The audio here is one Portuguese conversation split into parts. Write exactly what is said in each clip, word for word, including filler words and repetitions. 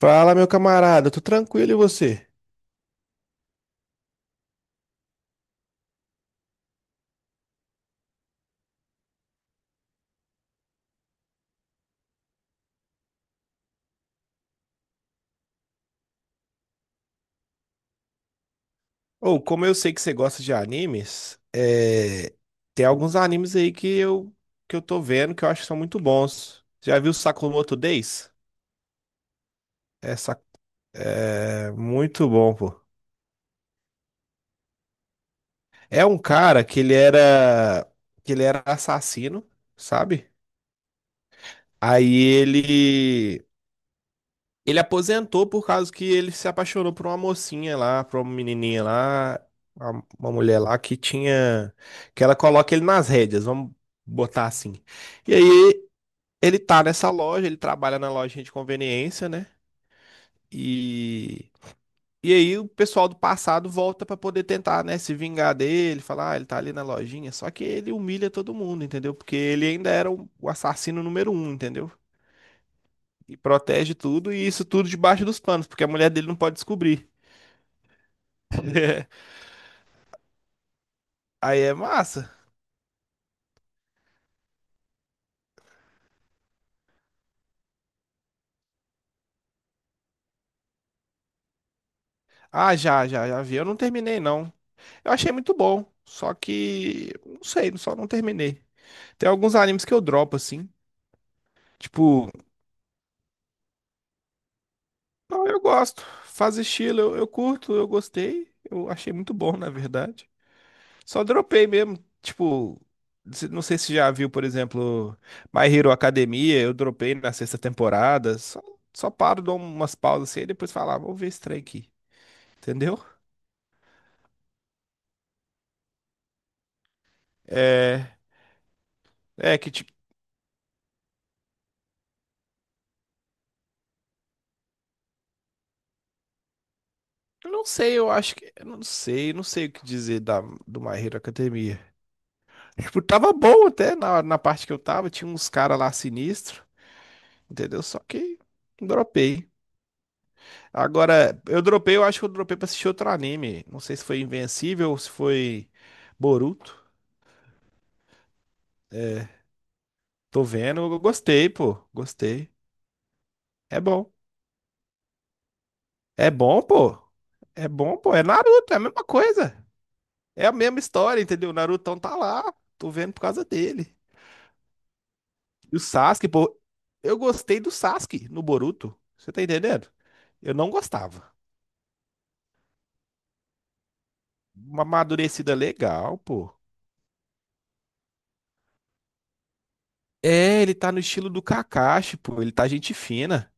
Fala, meu camarada, tô tranquilo e você? Ou, como eu sei que você gosta de animes, é, tem alguns animes aí que eu que eu tô vendo que eu acho que são muito bons. Já viu Sakamoto Days? É, sa- É muito bom, pô. É um cara que ele era que ele era assassino, sabe? Aí ele Ele aposentou por causa que ele se apaixonou por uma mocinha lá, por uma menininha lá, uma uma mulher lá que tinha, que ela coloca ele nas rédeas, vamos botar assim. E aí ele tá nessa loja, ele trabalha na loja de conveniência, né? E e aí o pessoal do passado volta pra poder tentar, né, se vingar dele, falar, ah, ele tá ali na lojinha, só que ele humilha todo mundo, entendeu? Porque ele ainda era o o assassino número um, entendeu? E protege tudo, e isso tudo debaixo dos panos, porque a mulher dele não pode descobrir. Aí é massa. Ah, já, já, já vi. Eu não terminei, não. Eu achei muito bom. Só que, não sei, só não terminei. Tem alguns animes que eu dropo, assim. Tipo, não, eu gosto. Faz estilo, eu, eu curto, eu gostei. Eu achei muito bom, na verdade. Só dropei mesmo. Tipo, se- não sei se já viu, por exemplo, My Hero Academia. Eu dropei na sexta temporada. Só, só paro, dou umas pausas assim e depois falo, ah, vou ver esse trem aqui. Entendeu? É, é que eu não sei, eu acho que. Eu não sei, não sei o que dizer da, do My Hero Academia. Tipo, tava bom até na, na parte que eu tava, tinha uns caras lá sinistro, entendeu? Só que dropei. Agora, eu dropei, eu acho que eu dropei pra assistir outro anime. Não sei se foi Invencível ou se foi Boruto. É, tô vendo, eu gostei, pô. Gostei. É bom. É bom, pô. É bom, pô. É Naruto, é a mesma coisa. É a mesma história, entendeu? O Narutão tá lá. Tô vendo por causa dele. E o Sasuke, pô, eu gostei do Sasuke no Boruto. Você tá entendendo? Eu não gostava. Uma amadurecida legal, pô. É, ele tá no estilo do Kakashi, pô. Ele tá gente fina.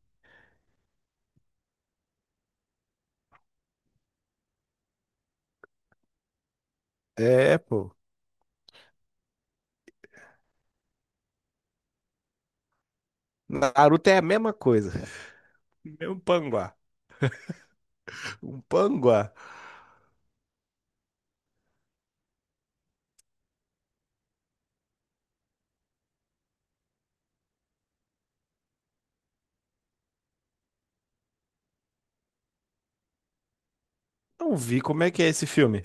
É, pô. Naruto é a mesma coisa. Mesmo panguá. Um panguá. Não vi como é que é esse filme.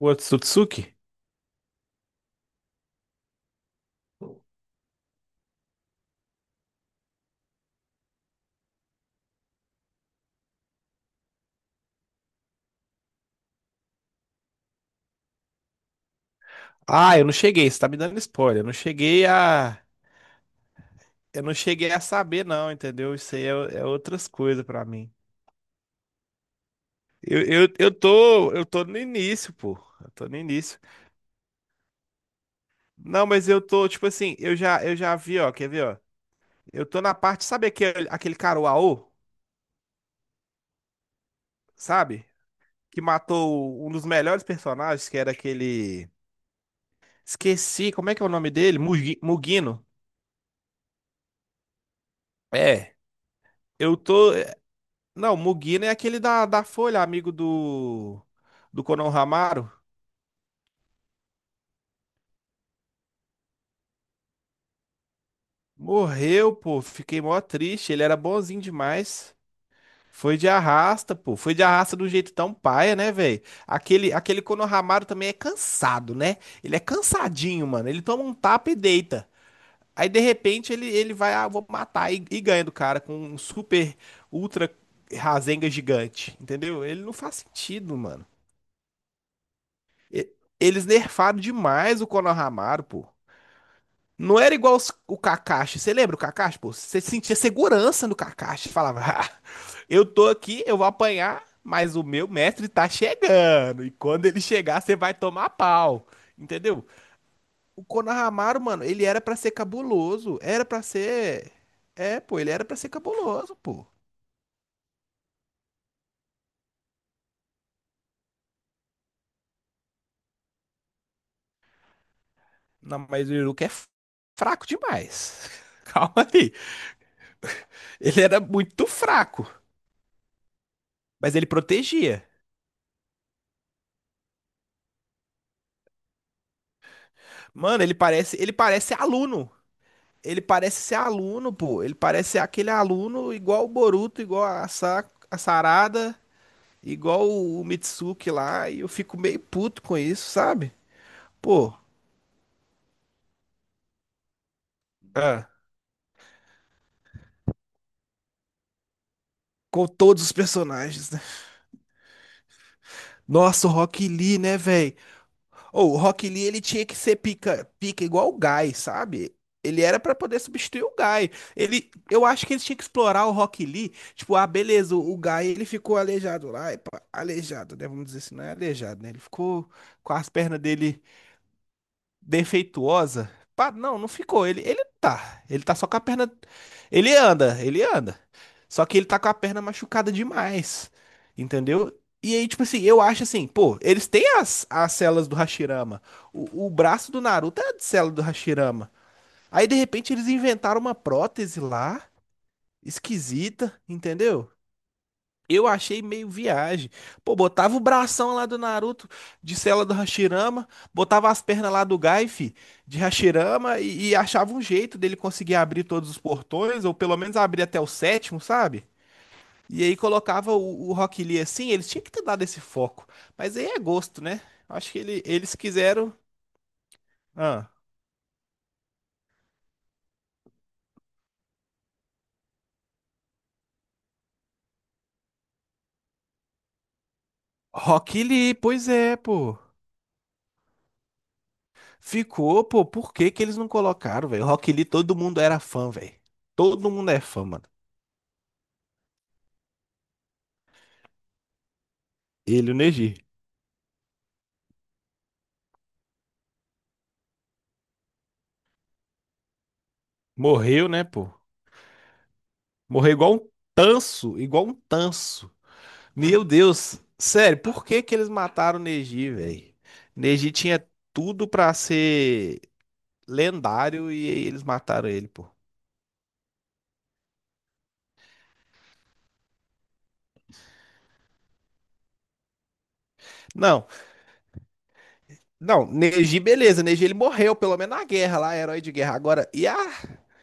O Otsutsuki? Ah, eu não cheguei. Você tá me dando spoiler. Eu não cheguei a. Eu não cheguei a saber, não, entendeu? Isso aí é, é outras coisas pra mim. Eu, eu, eu tô, eu tô no início, pô. Eu tô no início. Não, mas eu tô, tipo assim, eu já, eu já vi, ó, quer ver, ó? Eu tô na parte, sabe aquele, aquele cara, o Aô, sabe? Que matou um dos melhores personagens, que era aquele. Esqueci, como é que é o nome dele? Mugi- Mugino. É. Eu tô. é, Não, Mugino é aquele da, da Folha, amigo do. Do Konohamaru. Morreu, pô. Fiquei mó triste. Ele era bonzinho demais. Foi de arrasta, pô. Foi de arrasta de um jeito tão paia, né, velho? Aquele, aquele Konohamaru também é cansado, né? Ele é cansadinho, mano. Ele toma um tapa e deita. Aí, de repente, ele, ele vai, ah, vou matar e, e ganha do cara com um super, ultra Rasengan gigante, entendeu? Ele não faz sentido, mano. E- Eles nerfaram demais o Konohamaru, pô. Não era igual os- o Kakashi. Você lembra o Kakashi, pô? Você sentia segurança no Kakashi. Falava, eu tô aqui, eu vou apanhar, mas o meu mestre tá chegando. E quando ele chegar, você vai tomar pau. Entendeu? O Konohamaru, mano, ele era pra ser cabuloso. Era pra ser. É, pô, ele era pra ser cabuloso, pô. Não, mas o Iruka é fraco demais. Calma aí. Ele era muito fraco, mas ele protegia. Mano, ele parece, ele parece aluno. Ele parece ser aluno, pô. Ele parece ser aquele aluno igual o Boruto, igual a, Sa a Sarada. Igual o Mitsuki lá, e eu fico meio puto com isso, sabe? Pô, ah, com todos os personagens, né? Nossa, o Rock Lee, né, velho? O Rock Lee, ele tinha que ser pica, pica igual o Guy, sabe? Ele era pra poder substituir o Guy. Ele, eu acho que eles tinham que explorar o Rock Lee. Tipo, ah, beleza, o, o Guy, ele ficou aleijado lá. e epa, Aleijado, né? Vamos dizer assim, não é aleijado, né? Ele ficou com as pernas dele defeituosa. Pá, não, não ficou. Ele, ele tá. Ele tá só com a perna. Ele anda, ele anda. Só que ele tá com a perna machucada demais. Entendeu? E aí, tipo assim, eu acho assim, pô, eles têm as, as células do Hashirama. O, o braço do Naruto é de célula do Hashirama. Aí, de repente, eles inventaram uma prótese lá, esquisita, entendeu? Eu achei meio viagem. Pô, botava o bração lá do Naruto de cela do Hashirama, botava as pernas lá do Gai, fi, de Hashirama e, e achava um jeito dele conseguir abrir todos os portões, ou pelo menos abrir até o sétimo, sabe? E aí colocava o, o Rock Lee assim, eles tinham que ter dado esse foco. Mas aí é gosto, né? Acho que ele- eles quiseram. Ah. Rock Lee, pois é, pô. Ficou, pô, por que que eles não colocaram, velho? Rock Lee, todo mundo era fã, velho. Todo mundo é fã, mano. Ele, e o Neji. Morreu, né, pô? Morreu igual um tanso, igual um tanso. Meu Deus, sério, por que que eles mataram o Neji, velho? Neji tinha tudo pra ser lendário e aí eles mataram ele, pô. Não, não, Neji, beleza, Neji ele morreu, pelo menos na guerra lá, herói de guerra. Agora, e a,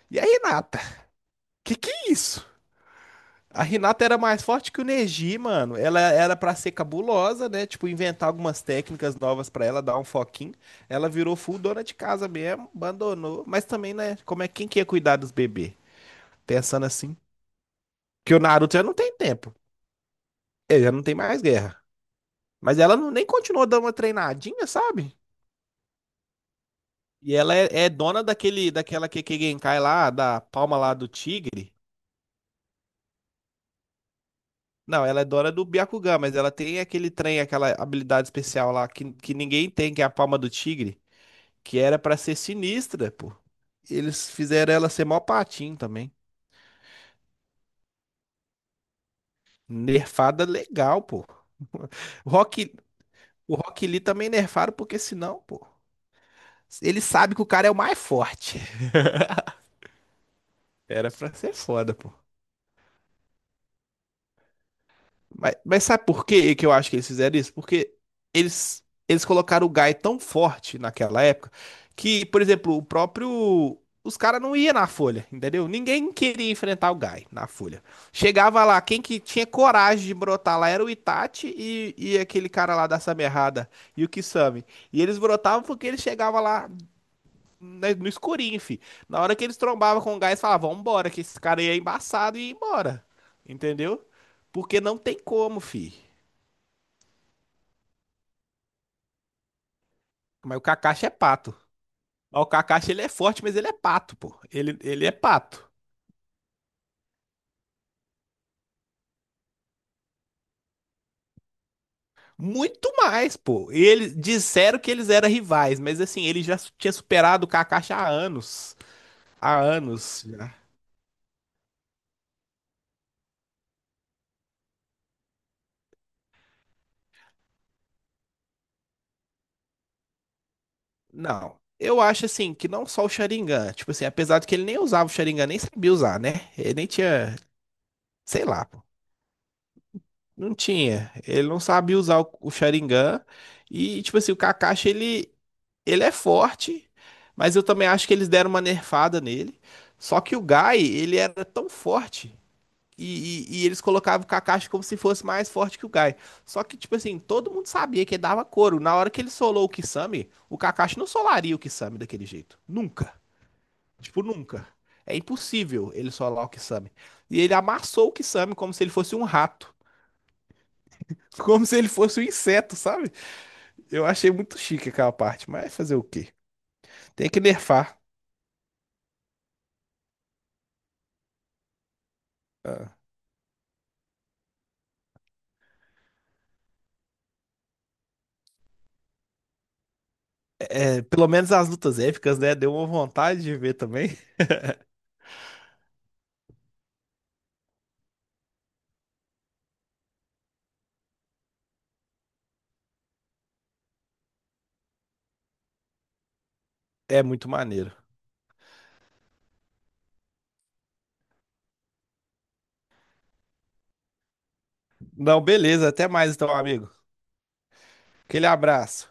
e a Hinata? Que que é isso? A Renata era mais forte que o Neji, mano. Ela era pra ser cabulosa, né? Tipo, inventar algumas técnicas novas pra ela, dar um foquinho. Ela virou full dona de casa mesmo, abandonou. Mas também, né? Como é quem que ia cuidar dos bebês? Pensando assim. Que o Naruto já não tem tempo. Ele já não tem mais guerra. Mas ela não, nem continuou dando uma treinadinha, sabe? E ela é, é dona daquele, daquela Kekkei Genkai lá, da palma lá do tigre. Não, ela é dona do Byakugan, mas ela tem aquele trem, aquela habilidade especial lá que, que ninguém tem, que é a palma do tigre, que era pra ser sinistra, pô. Eles fizeram ela ser mó patinho também. Nerfada legal, pô. O Rock, o Rock Lee também nerfaram, porque senão, pô, ele sabe que o cara é o mais forte. Era pra ser foda, pô. Mas, mas sabe por que que eu acho que eles fizeram isso? Porque eles, eles colocaram o Guy tão forte naquela época que, por exemplo, o próprio. Os caras não iam na Folha, entendeu? Ninguém queria enfrentar o Guy na Folha. Chegava lá, quem que tinha coragem de brotar lá era o Itachi e, e aquele cara lá da Samerrada, e o Kisame. E eles brotavam porque eles chegavam lá, né, no escurinho, fi. Na hora que eles trombavam com o gás, falavam, vambora, que esse cara aí é embaçado e ia embora. Entendeu? Porque não tem como, fi. Mas o Kakashi é pato. Mas o Kakashi, ele é forte, mas ele é pato, pô. Ele, ele é pato. Muito mais, pô. Eles disseram que eles eram rivais, mas assim, ele já tinha superado o Kakashi há anos. Há anos já. Não. Eu acho assim que não só o Sharingan, tipo assim, apesar de que ele nem usava o Sharingan, nem sabia usar, né? Ele nem tinha, sei lá, pô. Não tinha. Ele não sabia usar o, o Sharingan. E, tipo assim, o Kakashi, ele, ele é forte, mas eu também acho que eles deram uma nerfada nele. Só que o Gai, ele era tão forte. E, e- e eles colocavam o Kakashi como se fosse mais forte que o Gai. Só que, tipo assim, todo mundo sabia que ele dava couro. Na hora que ele solou o Kisame, o Kakashi não solaria o Kisame daquele jeito. Nunca. Tipo, nunca. É impossível ele solar o Kisame. E ele amassou o Kisame como se ele fosse um rato. Como se ele fosse um inseto, sabe? Eu achei muito chique aquela parte, mas fazer o quê? Tem que nerfar. Ah. É, pelo menos as lutas épicas, né? Deu uma vontade de ver também. É muito maneiro. Não, beleza. Até mais então, amigo. Aquele abraço.